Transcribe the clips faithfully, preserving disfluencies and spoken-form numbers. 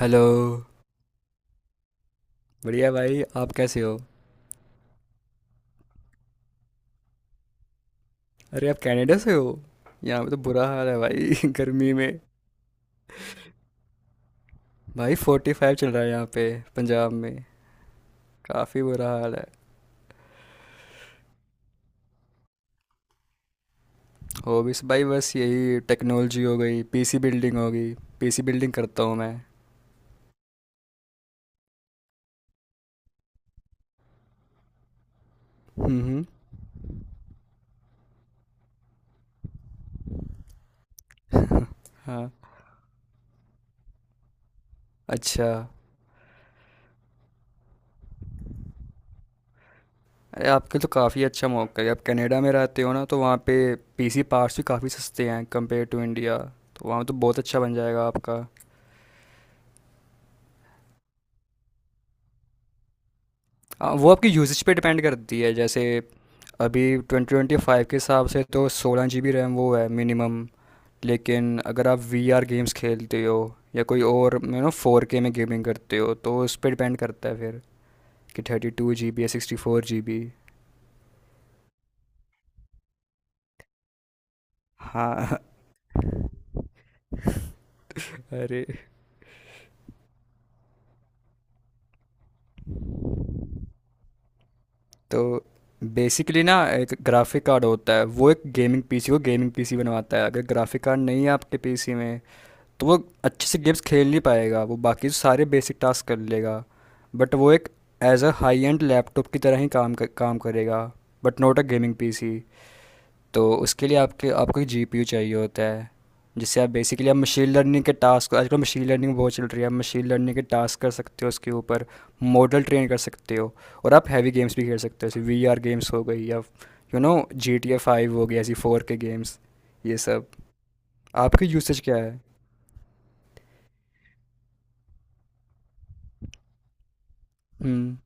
Hello. बढ़िया भाई, आप कैसे हो? अरे, आप कनाडा से हो? यहाँ पे तो बुरा हाल है भाई गर्मी में। भाई फोर्टी फाइव चल रहा है यहाँ पे, पंजाब में। काफ़ी बुरा हाल है। हो भी इस- भाई, बस यही टेक्नोलॉजी हो गई, पीसी बिल्डिंग हो गई। पीसी बिल्डिंग करता हूँ मैं। हम्म हम्म। हाँ। अच्छा। अरे, आपके तो काफ़ी अच्छा मौका है, आप कनाडा में रहते हो ना, तो वहाँ पे पीसी पार्ट्स भी काफ़ी सस्ते हैं कंपेयर टू इंडिया। तो वहाँ तो बहुत अच्छा बन जाएगा आपका। आ, वो आपकी यूजेज पे डिपेंड करती है। जैसे अभी ट्वेंटी ट्वेंटी फाइव के हिसाब से तो सोलह जी बी रैम वो है मिनिमम। लेकिन अगर आप वी आर गेम्स खेलते हो या कोई और यू नो फोर के में गेमिंग करते हो तो उस पर डिपेंड करता है फिर कि थर्टी टू जी बी या सिक्सटी फोर जी बी। हाँ। अरे। तो बेसिकली ना एक ग्राफिक कार्ड होता है, वो एक गेमिंग पीसी को गेमिंग पीसी बनवाता है। अगर ग्राफिक कार्ड नहीं है आपके पीसी में तो वो अच्छे से गेम्स खेल नहीं पाएगा। वो बाकी सारे बेसिक टास्क कर लेगा, बट वो एक as a high end laptop की तरह ही काम कर, काम करेगा, but not a gaming PC. तो उसके लिए आपके आपको जीपीयू चाहिए होता है, जिससे आप बेसिकली आप मशीन लर्निंग के टास्क, आजकल मशीन लर्निंग बहुत चल रही है, आप मशीन लर्निंग के टास्क कर सकते हो उसके ऊपर, मॉडल ट्रेन कर सकते हो। और आप हैवी गेम्स भी खेल सकते हो, जैसे वी आर गेम्स हो गई या you know G T A five हो गई, ऐसी फोर के गेम्स, ये सब। आपकी यूसेज क्या है? हम्म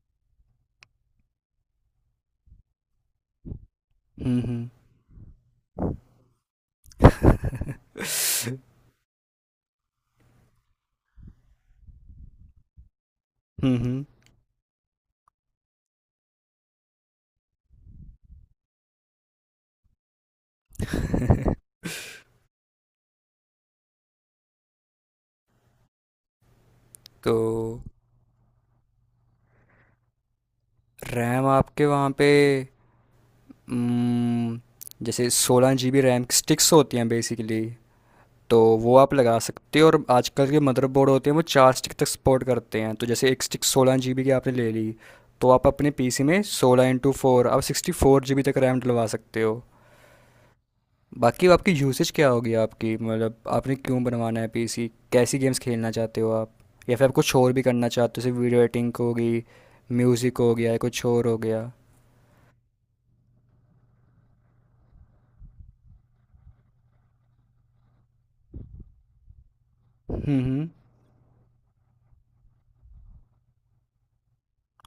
हम्म हम्म। हुँ। हुँ। तो रैम आपके वहाँ पे, उम, जैसे सोलह जीबी रैम की स्टिक्स होती हैं बेसिकली। तो वो आप लगा सकते हो, और आजकल के मदरबोर्ड होते हैं वो चार स्टिक तक सपोर्ट करते हैं। तो जैसे एक स्टिक सोलह जीबी की आपने ले ली तो आप अपने पीसी में सोलह इंटू फोर आप सिक्स्टी फोर जीबी तक रैम डलवा सकते हो। बाकी आपकी यूसेज क्या होगी आपकी, मतलब आपने क्यों बनवाना है पीसी? कैसी गेम्स खेलना चाहते हो आप, या फिर आप कुछ और भी करना चाहते हो, जैसे वीडियो एडिटिंग होगी, म्यूज़िक हो गया, या कुछ और हो गया? हम्म हम्म।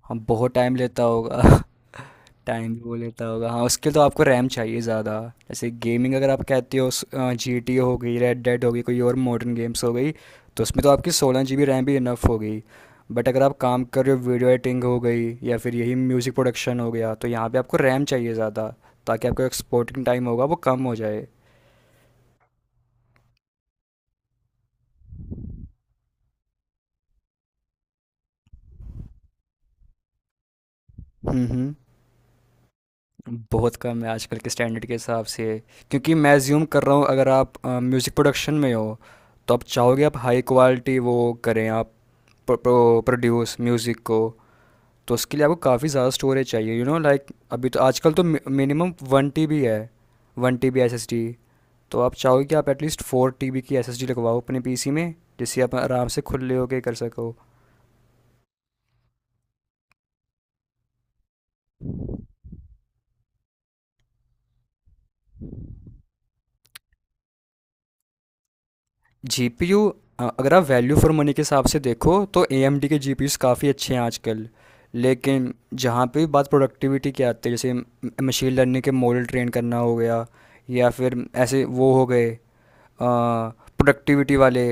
हाँ, बहुत टाइम लेता होगा टाइम भी वो लेता होगा, हाँ। उसके लिए तो आपको रैम चाहिए ज़्यादा। जैसे गेमिंग अगर आप कहते हो, जी टी हो गई, रेड डेड हो गई, कोई और मॉडर्न गेम्स हो गई, तो उसमें तो आपकी सोलह जी बी रैम भी इनफ हो गई। बट अगर आप काम कर रहे हो वीडियो एडिटिंग हो गई या फिर यही म्यूज़िक प्रोडक्शन हो गया, तो यहाँ पे आपको रैम चाहिए ज़्यादा, ताकि आपका एक्सपोर्टिंग टाइम होगा वो कम हो जाए। हम्म हम्म। बहुत कम है आजकल के स्टैंडर्ड के हिसाब से। क्योंकि मैं अज्यूम कर रहा हूँ, अगर आप म्यूज़िक प्रोडक्शन में हो, तो आप चाहोगे आप हाई क्वालिटी वो करें आप, प्रोड्यूस म्यूज़िक को। तो उसके लिए आपको काफ़ी ज़्यादा स्टोरेज चाहिए, यू नो लाइक। अभी तो आजकल तो मिनिमम वन टी बी है, one T B S S D. तो आप चाहोगे कि आप एटलीस्ट फोर टी बी की एस एस डी लगवाओ अपने पी सी में, जिससे आप आराम से खुले होके कर सको। जीपीयू, अगर आप वैल्यू फॉर मनी के हिसाब से देखो तो एएमडी के जीपीयूस काफ़ी अच्छे हैं आजकल। लेकिन जहाँ पे भी बात प्रोडक्टिविटी की आती है, जैसे मशीन लर्निंग के मॉडल ट्रेन करना हो गया, या फिर ऐसे वो हो गए प्रोडक्टिविटी वाले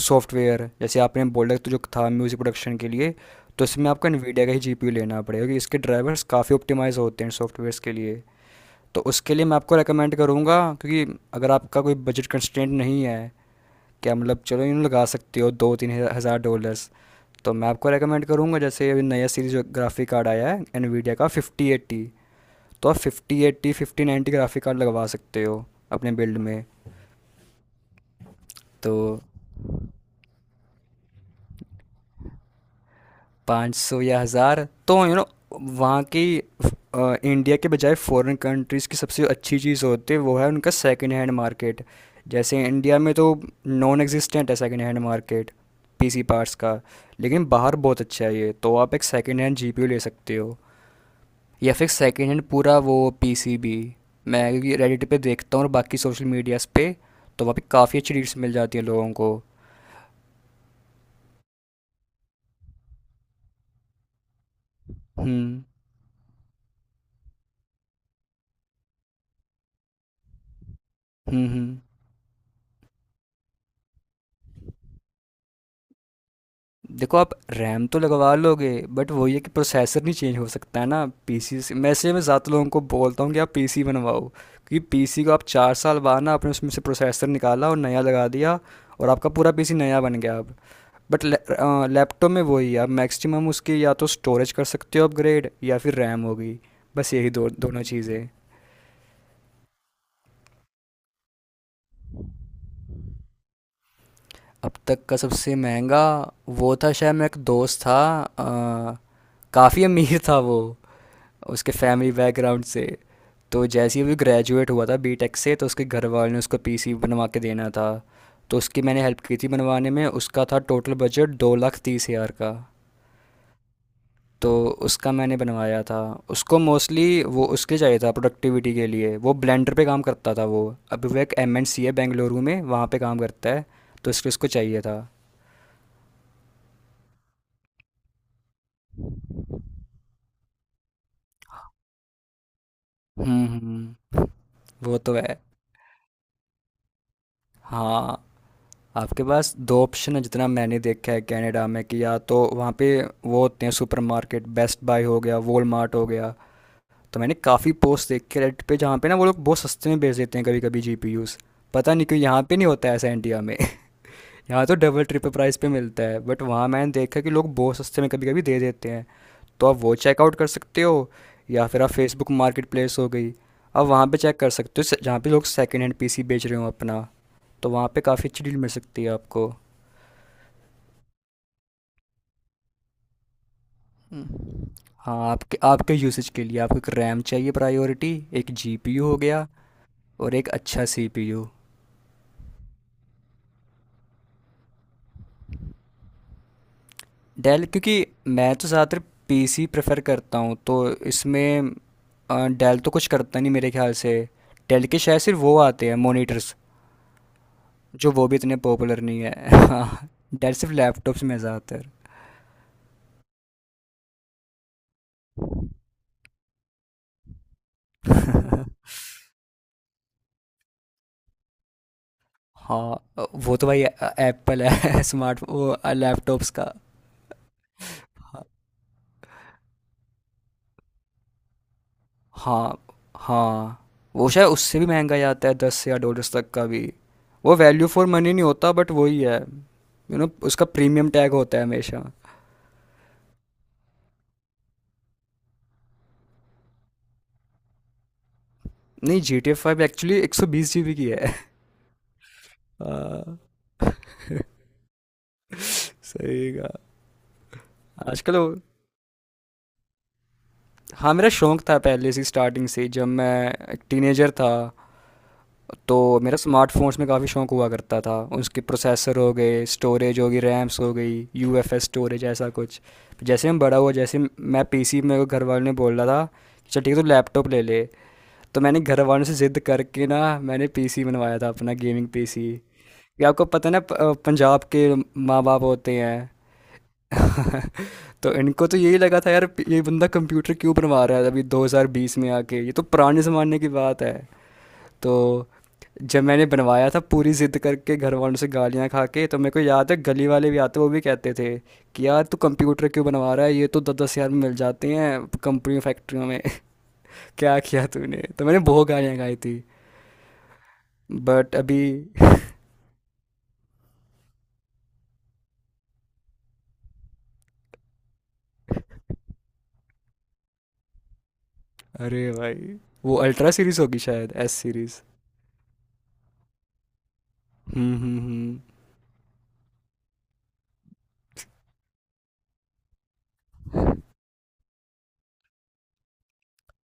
सॉफ्टवेयर, जैसे आपने बोला तो जो था म्यूज़िक प्रोडक्शन के लिए, तो इसमें आपको NVIDIA का ही जीपीयू लेना पड़ेगा, क्योंकि इसके ड्राइवर्स काफ़ी ऑप्टिमाइज़ होते हैं सॉफ्टवेयर्स के लिए। तो उसके लिए मैं आपको रेकमेंड करूँगा, क्योंकि अगर आपका कोई बजट कंस्ट्रेंट नहीं है, क्या मतलब, चलो यूँ लगा सकते हो दो तीन हज़ा- हज़ार डॉलर्स। तो मैं आपको रेकमेंड करूँगा, जैसे अभी नया सीरीज ग्राफिक कार्ड आया है NVIDIA का फिफ्टी एट्टी, तो आप fifty eighty fifty ninety graphic card लगवा सकते हो अपने बिल्ड में। तो पाँच सौ या हज़ार, तो यू नो वहाँ की, अ, इंडिया के बजाय फॉरेन कंट्रीज़ की सबसे अच्छी चीज़ होती है वो है उनका सेकंड हैंड मार्केट। जैसे इंडिया में तो नॉन एग्जिस्टेंट है second hand market PC parts का, लेकिन बाहर बहुत अच्छा है ये। तो आप एक सेकंड हैंड जीपीयू ले सकते हो, या फिर सेकंड हैंड पूरा वो पीसीबी। मैं क्योंकि रेडिट पे देखता हूँ और बाकी सोशल मीडियाज़ पे, तो वहाँ पे काफ़ी अच्छी डील्स मिल जाती हैं लोगों को। हम्म हम्म हम्म। देखो, आप रैम तो लगवा लोगे, बट वही है कि प्रोसेसर नहीं चेंज हो सकता है ना पीसी से, मैं इसलिए मैं ज़्यादा लोगों को बोलता हूँ कि आप पीसी बनवाओ, क्योंकि पीसी को आप चार साल बाद ना आपने उसमें से प्रोसेसर निकाला और नया लगा दिया, और आपका पूरा पीसी नया बन गया अब। बट लैपटॉप में वही है, आप मैक्सिमम उसकी या तो स्टोरेज कर सकते हो अपग्रेड या फिर रैम होगी, बस यही दो दोनों चीज़ें। अब तक का सबसे महंगा, वो था शायद मेरा एक दोस्त था, काफ़ी अमीर था वो उसके फैमिली बैकग्राउंड से। तो जैसे ही वो ग्रेजुएट हुआ था बीटेक से, तो उसके घर वालों ने उसको पीसी बनवा के देना था, तो उसकी मैंने हेल्प की थी बनवाने में। उसका था टोटल बजट दो लाख तीस हज़ार का। तो उसका मैंने बनवाया था। उसको मोस्टली वो उसके चाहिए था प्रोडक्टिविटी के लिए, वो ब्लेंडर पे काम करता था वो। अभी वो एक एम एंड सी है बेंगलुरु में, वहाँ पे काम करता है। तो इसलिए उसको चाहिए था। हम्म हम्म। वो तो है। हाँ, आपके पास दो ऑप्शन है जितना मैंने देखा है कनाडा में, कि या तो वहाँ पे वो होते हैं सुपरमार्केट, बेस्ट बाय हो गया, वॉलमार्ट हो गया। तो मैंने काफ़ी पोस्ट देखे रेड पे, जहाँ पे ना वो लोग बहुत सस्ते में बेच देते हैं कभी कभी जीपीयूज़। पता नहीं क्यों यहाँ पे नहीं होता है ऐसा इंडिया में यहाँ तो डबल ट्रिपल प्राइस पे मिलता है, बट वहाँ मैंने देखा कि लोग बहुत सस्ते में कभी कभी दे देते हैं। तो आप वो चेकआउट कर सकते हो, या फिर आप फेसबुक मार्केट प्लेस हो गई, आप वहाँ पे चेक कर सकते हो जहाँ पे लोग सेकेंड हैंड पीसी बेच रहे हो अपना, तो वहाँ पे काफ़ी अच्छी डील मिल सकती है आपको। हम्म। हाँ, आपके आपके यूसेज के लिए आपको एक रैम चाहिए प्रायोरिटी, एक जीपीयू हो गया, और एक अच्छा सीपीयू। डेल, क्योंकि मैं तो ज़्यादातर पीसी प्रेफर करता हूँ, तो इसमें अ, डेल तो कुछ करता नहीं मेरे ख्याल से। डेल के शायद सिर्फ वो आते हैं मॉनिटर्स, जो वो भी इतने पॉपुलर नहीं है हाँ, डेल सिर्फ लैपटॉप्स में है ज़्यादातर। हाँ, वो तो भाई एप्पल है स्मार्ट वो लैपटॉप्स का। हाँ। हाँ, वो शायद उससे भी महंगा ही आता है, दस या डॉलर्स तक का भी। वो वैल्यू फॉर मनी नहीं होता, बट वही है, यू नो उसका प्रीमियम टैग होता है हमेशा। नहीं, G T A five actually एक सौ बीस जी बी की है। हाँ। सही का। आजकल वो- हाँ, मेरा शौक था पहले से स्टार्टिंग से, जब मैं एक टीनेजर था। तो मेरा स्मार्टफ़ोन्स में काफ़ी शौक हुआ करता था, उसके प्रोसेसर हो गए, स्टोरेज होगी, रैम्स हो गई, यू एफ एस स्टोरेज ऐसा कुछ। जैसे हम बड़ा हुआ, जैसे मैं पी सी, मेरे को घर वालों ने बोल रहा था चल ठीक है तो लैपटॉप ले ले। तो मैंने घर वालों से ज़िद करके ना मैंने पीसी बनवाया था अपना, गेमिंग पीसी। ये आपको पता है ना, प- अ, पंजाब के माँ बाप होते हैं तो इनको तो यही लगा था, यार ये बंदा कंप्यूटर क्यों बनवा रहा है, अभी दो हज़ार बीस में आके, ये तो पुराने ज़माने की बात है। तो जब मैंने बनवाया था पूरी ज़िद करके घर वालों से गालियाँ खा के, तो मेरे को याद है गली वाले भी आते वो भी कहते थे कि यार तू कंप्यूटर क्यों बनवा रहा है, ये तो दस दस हज़ार में मिल जाते हैं कंपनियों फैक्ट्रियों में क्या किया तूने? तो मैंने बहुत गालियाँ खाई थी, बट अभी। अरे भाई, वो अल्ट्रा सीरीज़ होगी शायद, S series. Hmm hmm hmm.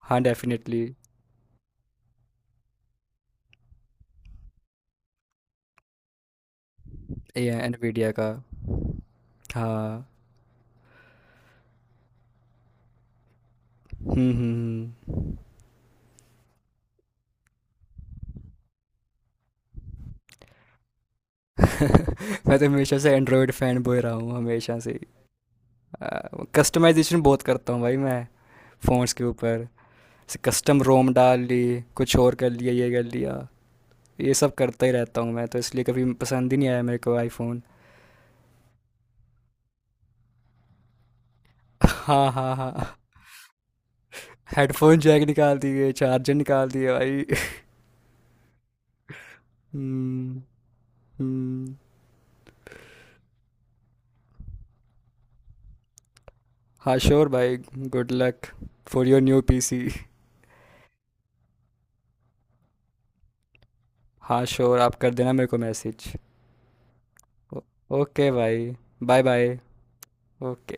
हाँ डेफिनेटली। ये एनवीडिया का। हाँ। हम्म हम्म हम्म। मैं तो हमेशा से एंड्रॉयड फैन बॉय रहा हूँ हमेशा से। कस्टमाइजेशन बहुत करता हूँ भाई मैं, फ़ोन्स के ऊपर। जैसे कस्टम रोम डाल ली, कुछ और कर लिया, ये कर लिया, ये सब करता ही रहता हूँ मैं, तो इसलिए कभी पसंद ही नहीं आया मेरे को आईफोन। हाँ हाँ हाँ। हेडफोन जैक निकाल दिए, चार्जर निकाल दिए भाई। हम्म हम्म। हाँ श्योर भाई, good luck for your new PC. हाँ श्योर, आप कर देना मेरे को मैसेज। ओके भाई। Bye bye. ओके